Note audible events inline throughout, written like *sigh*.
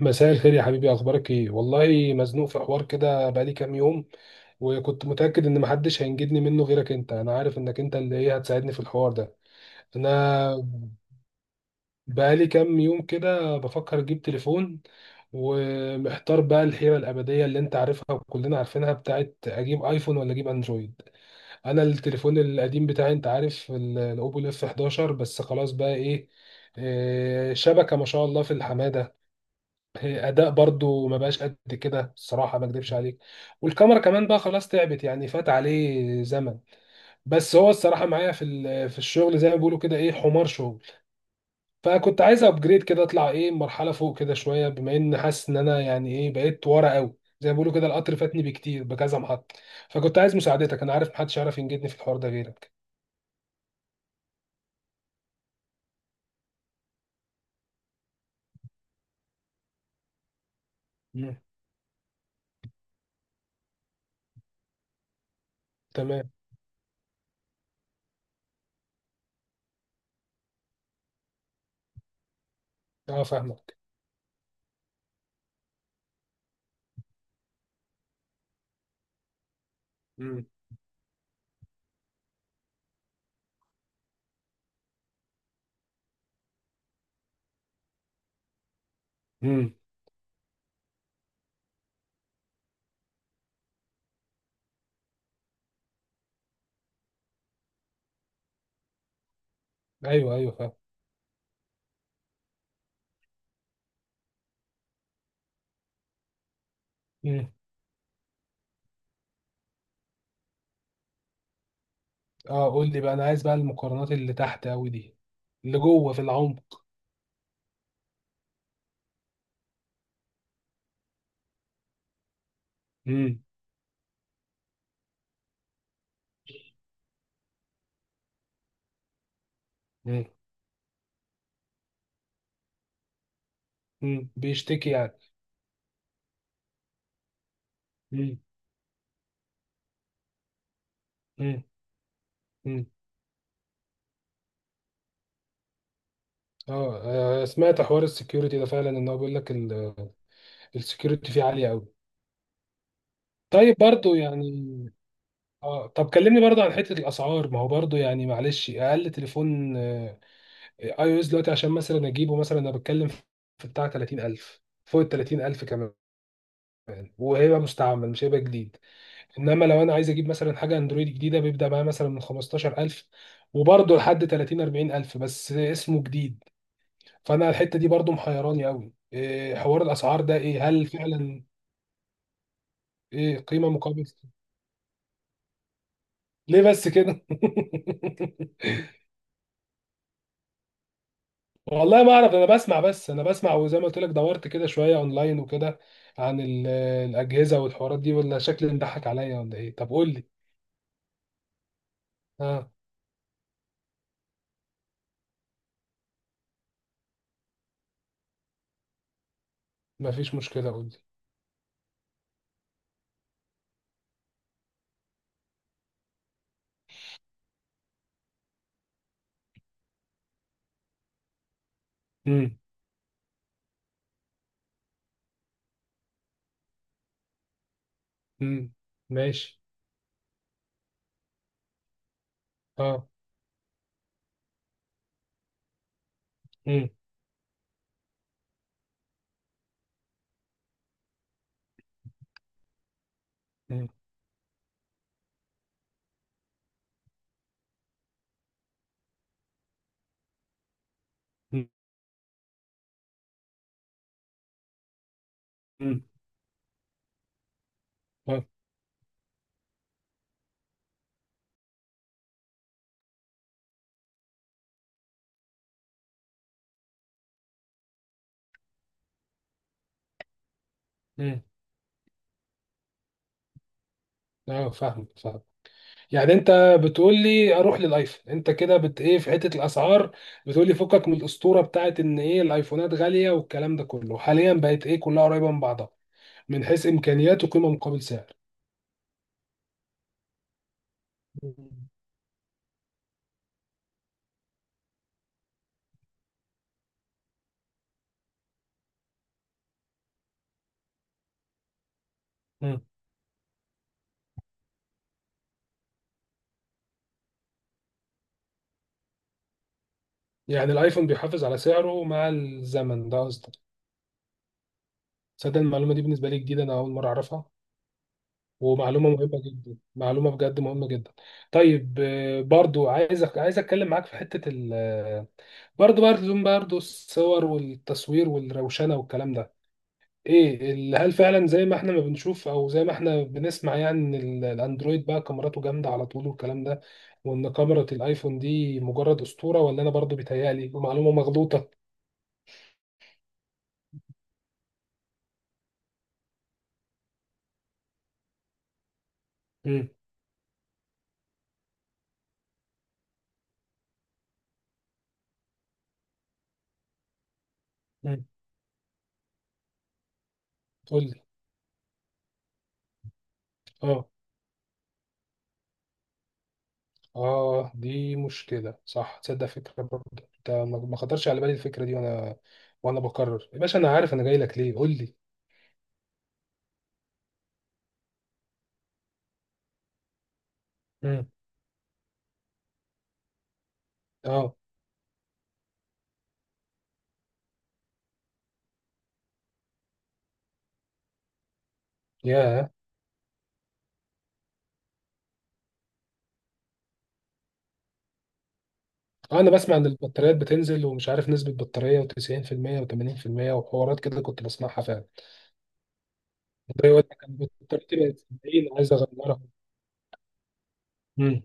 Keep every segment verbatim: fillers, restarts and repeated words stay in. مساء الخير يا حبيبي، اخبارك ايه؟ والله مزنوق في حوار كده بقالي كام يوم، وكنت متاكد ان محدش هينجدني منه غيرك انت. انا عارف انك انت اللي ايه هتساعدني في الحوار ده. انا بقالي كام يوم كده بفكر اجيب تليفون، ومحتار بقى الحيره الابديه اللي انت عارفها وكلنا عارفينها، بتاعت اجيب ايفون ولا اجيب اندرويد. انا التليفون القديم بتاعي انت عارف ال- الاوبو اف احد عشر، بس خلاص بقى ايه، إيه، شبكة ما شاء الله في الحمادة. هي اداء برضو ما بقاش قد كده الصراحه، ما اكدبش عليك. والكاميرا كمان بقى خلاص تعبت، يعني فات عليه زمن. بس هو الصراحه معايا في ال- في الشغل، زي ما بيقولوا كده، ايه حمار شغل. فكنت عايز ابجريد كده، اطلع ايه مرحله فوق كده شويه، بما ان حاسس ان انا يعني ايه بقيت ورا قوي. زي ما بيقولوا كده القطر فاتني بكتير بكذا محطه. فكنت عايز مساعدتك، انا عارف محدش يعرف ينجدني في الحوار ده غيرك. مم. تمام. اه فاهمك. مم. مم. ايوه ايوه فاهم. مم. اه، قول لي بقى، انا عايز بقى المقارنات اللي تحت قوي دي، اللي جوه في العمق. امم. امم امم بيشتكي يعني. امم. امم. امم. اه. آه، سمعت حوار السكيورتي ده فعلا، ان هو بيقول لك السكيورتي فيه عاليه قوي. طيب برضو يعني. اه، طب كلمني برضو عن حته الاسعار. ما هو برضو يعني معلش، اقل تليفون آه، اي او اس دلوقتي عشان مثلا اجيبه، مثلا انا بتكلم في بتاع ثلاثين ألف، فوق ال تلاتين الف كمان، وهيبقى مستعمل مش هيبقى جديد. انما لو انا عايز اجيب مثلا حاجه اندرويد جديده بيبدا معايا مثلا من خمستاشر الف، وبرضه لحد تلاتين اربعين الف، بس اسمه جديد. فانا الحته دي برضه محيراني قوي. إيه حوار الاسعار ده؟ ايه، هل فعلا ايه قيمه مقابل؟ ليه بس كده؟ *laughs* والله ما اعرف، انا بسمع بس. انا بسمع، وزي ما قلت لك دورت كده شويه اونلاين وكده عن ال- الاجهزه والحوارات دي. ولا شكلي مضحك عليا؟ ولا ايه؟ طب قول لي. اه. مفيش مشكله، قول لي. امم. امم. ماشي. اه. امم. مم. مم. اه. مم. آه، فاهم فاهم. يعني انت بتقول لي اروح للايفون؟ انت كده بت ايه في حته الاسعار، بتقول لي فكك من الاسطوره بتاعت ان ايه الايفونات غاليه والكلام ده كله، حاليا بقت ايه كلها قريبه من بعضها من حيث امكانيات وقيمه مقابل سعر. مم. مم. يعني الايفون بيحافظ على سعره مع الزمن، ده قصدك؟ تصدق المعلومه دي بالنسبه لي جديده، انا اول مره اعرفها. ومعلومه مهمه جدا، معلومه بجد مهمه جدا. طيب آه، برضو عايزك، عايز اتكلم معاك في حته ال، برضه برضه برضه الصور والتصوير والروشنة والكلام ده. ايه ال- هل فعلا زي ما احنا ما بنشوف او زي ما احنا بنسمع، يعني ان ال- الاندرويد بقى كاميراته جامدة على طول والكلام ده، وان كاميرا الايفون دي مجرد اسطورة؟ ولا انا برضه بيتهيألي ومعلومة مغلوطة؟ امم. امم. قول لي. اه. اه دي مشكلة صح. تصدق فكرة برضه انت ما ما خطرش على بالي الفكرة دي. وانا، وانا بكرر يا باشا، انا عارف انا جاي لك ليه، قول لي. امم. اه. ياه. آه، انا بسمع ان البطاريات بتنزل، ومش عارف نسبة بطارية، و90% و80% وحوارات كده كنت بسمعها فعلا. ده يقول لك أنا بطاريتي بقت سبعين، عايز اغيرها. مم.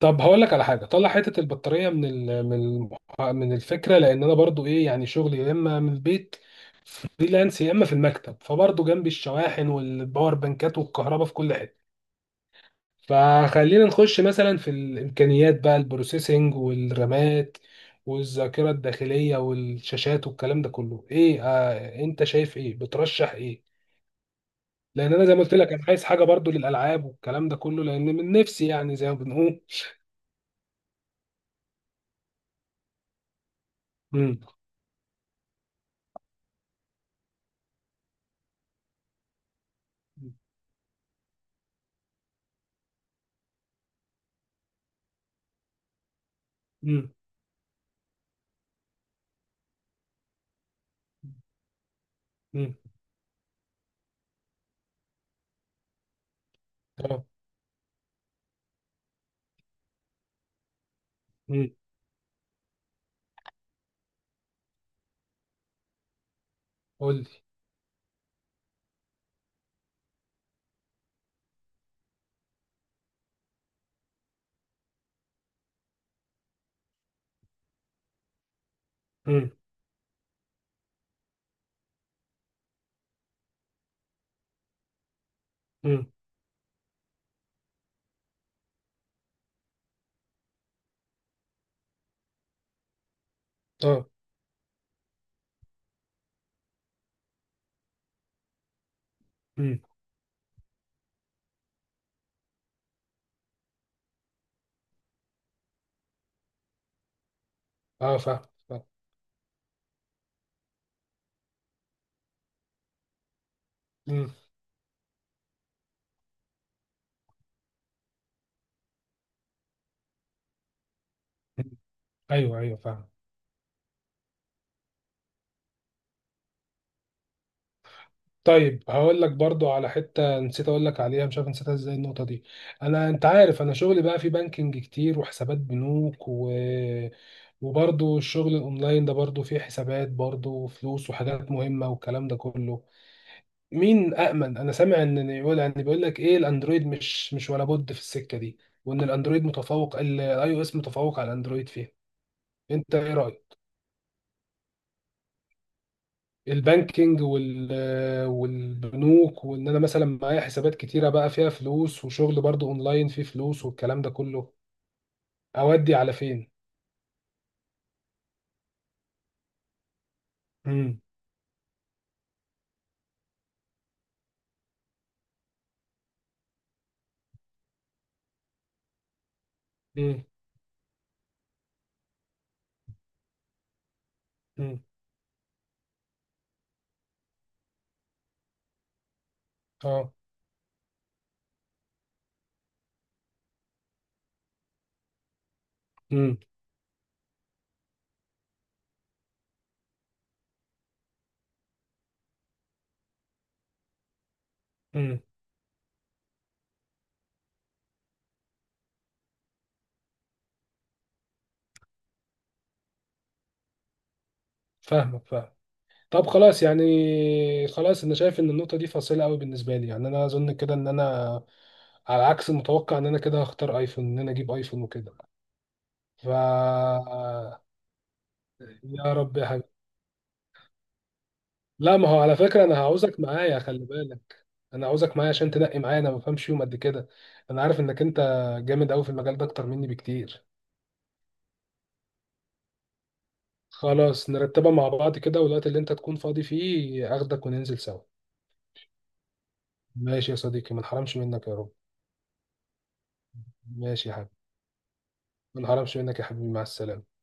طب هقول لك على حاجة، طلع حتة البطارية من ال- من المح- من الفكرة، لان انا برضو ايه يعني شغلي يا اما من البيت فريلانس، يا اما في المكتب، فبرضو جنبي الشواحن والباور بانكات والكهرباء في كل حتة. فخلينا نخش مثلا في الامكانيات بقى، البروسيسنج والرامات والذاكره الداخليه والشاشات والكلام ده كله ايه آه انت شايف ايه؟ بترشح ايه؟ لان انا زي ما قلت لك انا عايز حاجه برضو للالعاب والكلام ده كله، لان من نفسي يعني زي ما بنقول. امم. امم. امم. اه. امم. قول لي. امم. امم. اه. امم. اه فاهم. فاهم. امم. أمم. ايوه ايوه فاهم. طيب هقول لك برضو على حتة نسيت اقول لك عليها، مش عارف نسيتها ازاي النقطة دي. انا انت عارف انا شغلي بقى في بانكينج كتير وحسابات بنوك، و... وبرضو الشغل الاونلاين ده برضو فيه حسابات برضو وفلوس وحاجات مهمة والكلام ده كله. مين أأمن؟ انا سامع ان يقول يعني بيقول لك ايه الاندرويد مش مش ولا بد في السكة دي، وان الاندرويد متفوق، الاي او اس متفوق على الاندرويد فيها. انت ايه رأيك؟ البانكينج وال، والبنوك، وان انا مثلا معايا حسابات كتيره بقى فيها فلوس وشغل برضو اونلاين فيه فلوس والكلام ده كله، اودي على فين؟ امم. امم. امم. اه. امم. امم. فاهمك فاهم. طب خلاص يعني. خلاص انا شايف ان النقطه دي فاصله قوي بالنسبه لي، يعني انا اظن كده ان انا على عكس المتوقع ان انا كده هختار ايفون، ان انا اجيب ايفون وكده. ف، يا رب يا لا، ما هو على فكرة أنا هعوزك معايا خلي بالك. أنا عاوزك معايا عشان تنقي معايا، أنا ما بفهمش يوم قد كده. أنا عارف إنك أنت جامد أوي في المجال ده أكتر مني بكتير. خلاص نرتبها مع بعض كده، والوقت اللي أنت تكون فاضي فيه أخدك وننزل سوا. ماشي يا صديقي، ما نحرمش منك يا رب. ماشي يا حبيبي، ما نحرمش منك يا حبيبي، مع السلامة.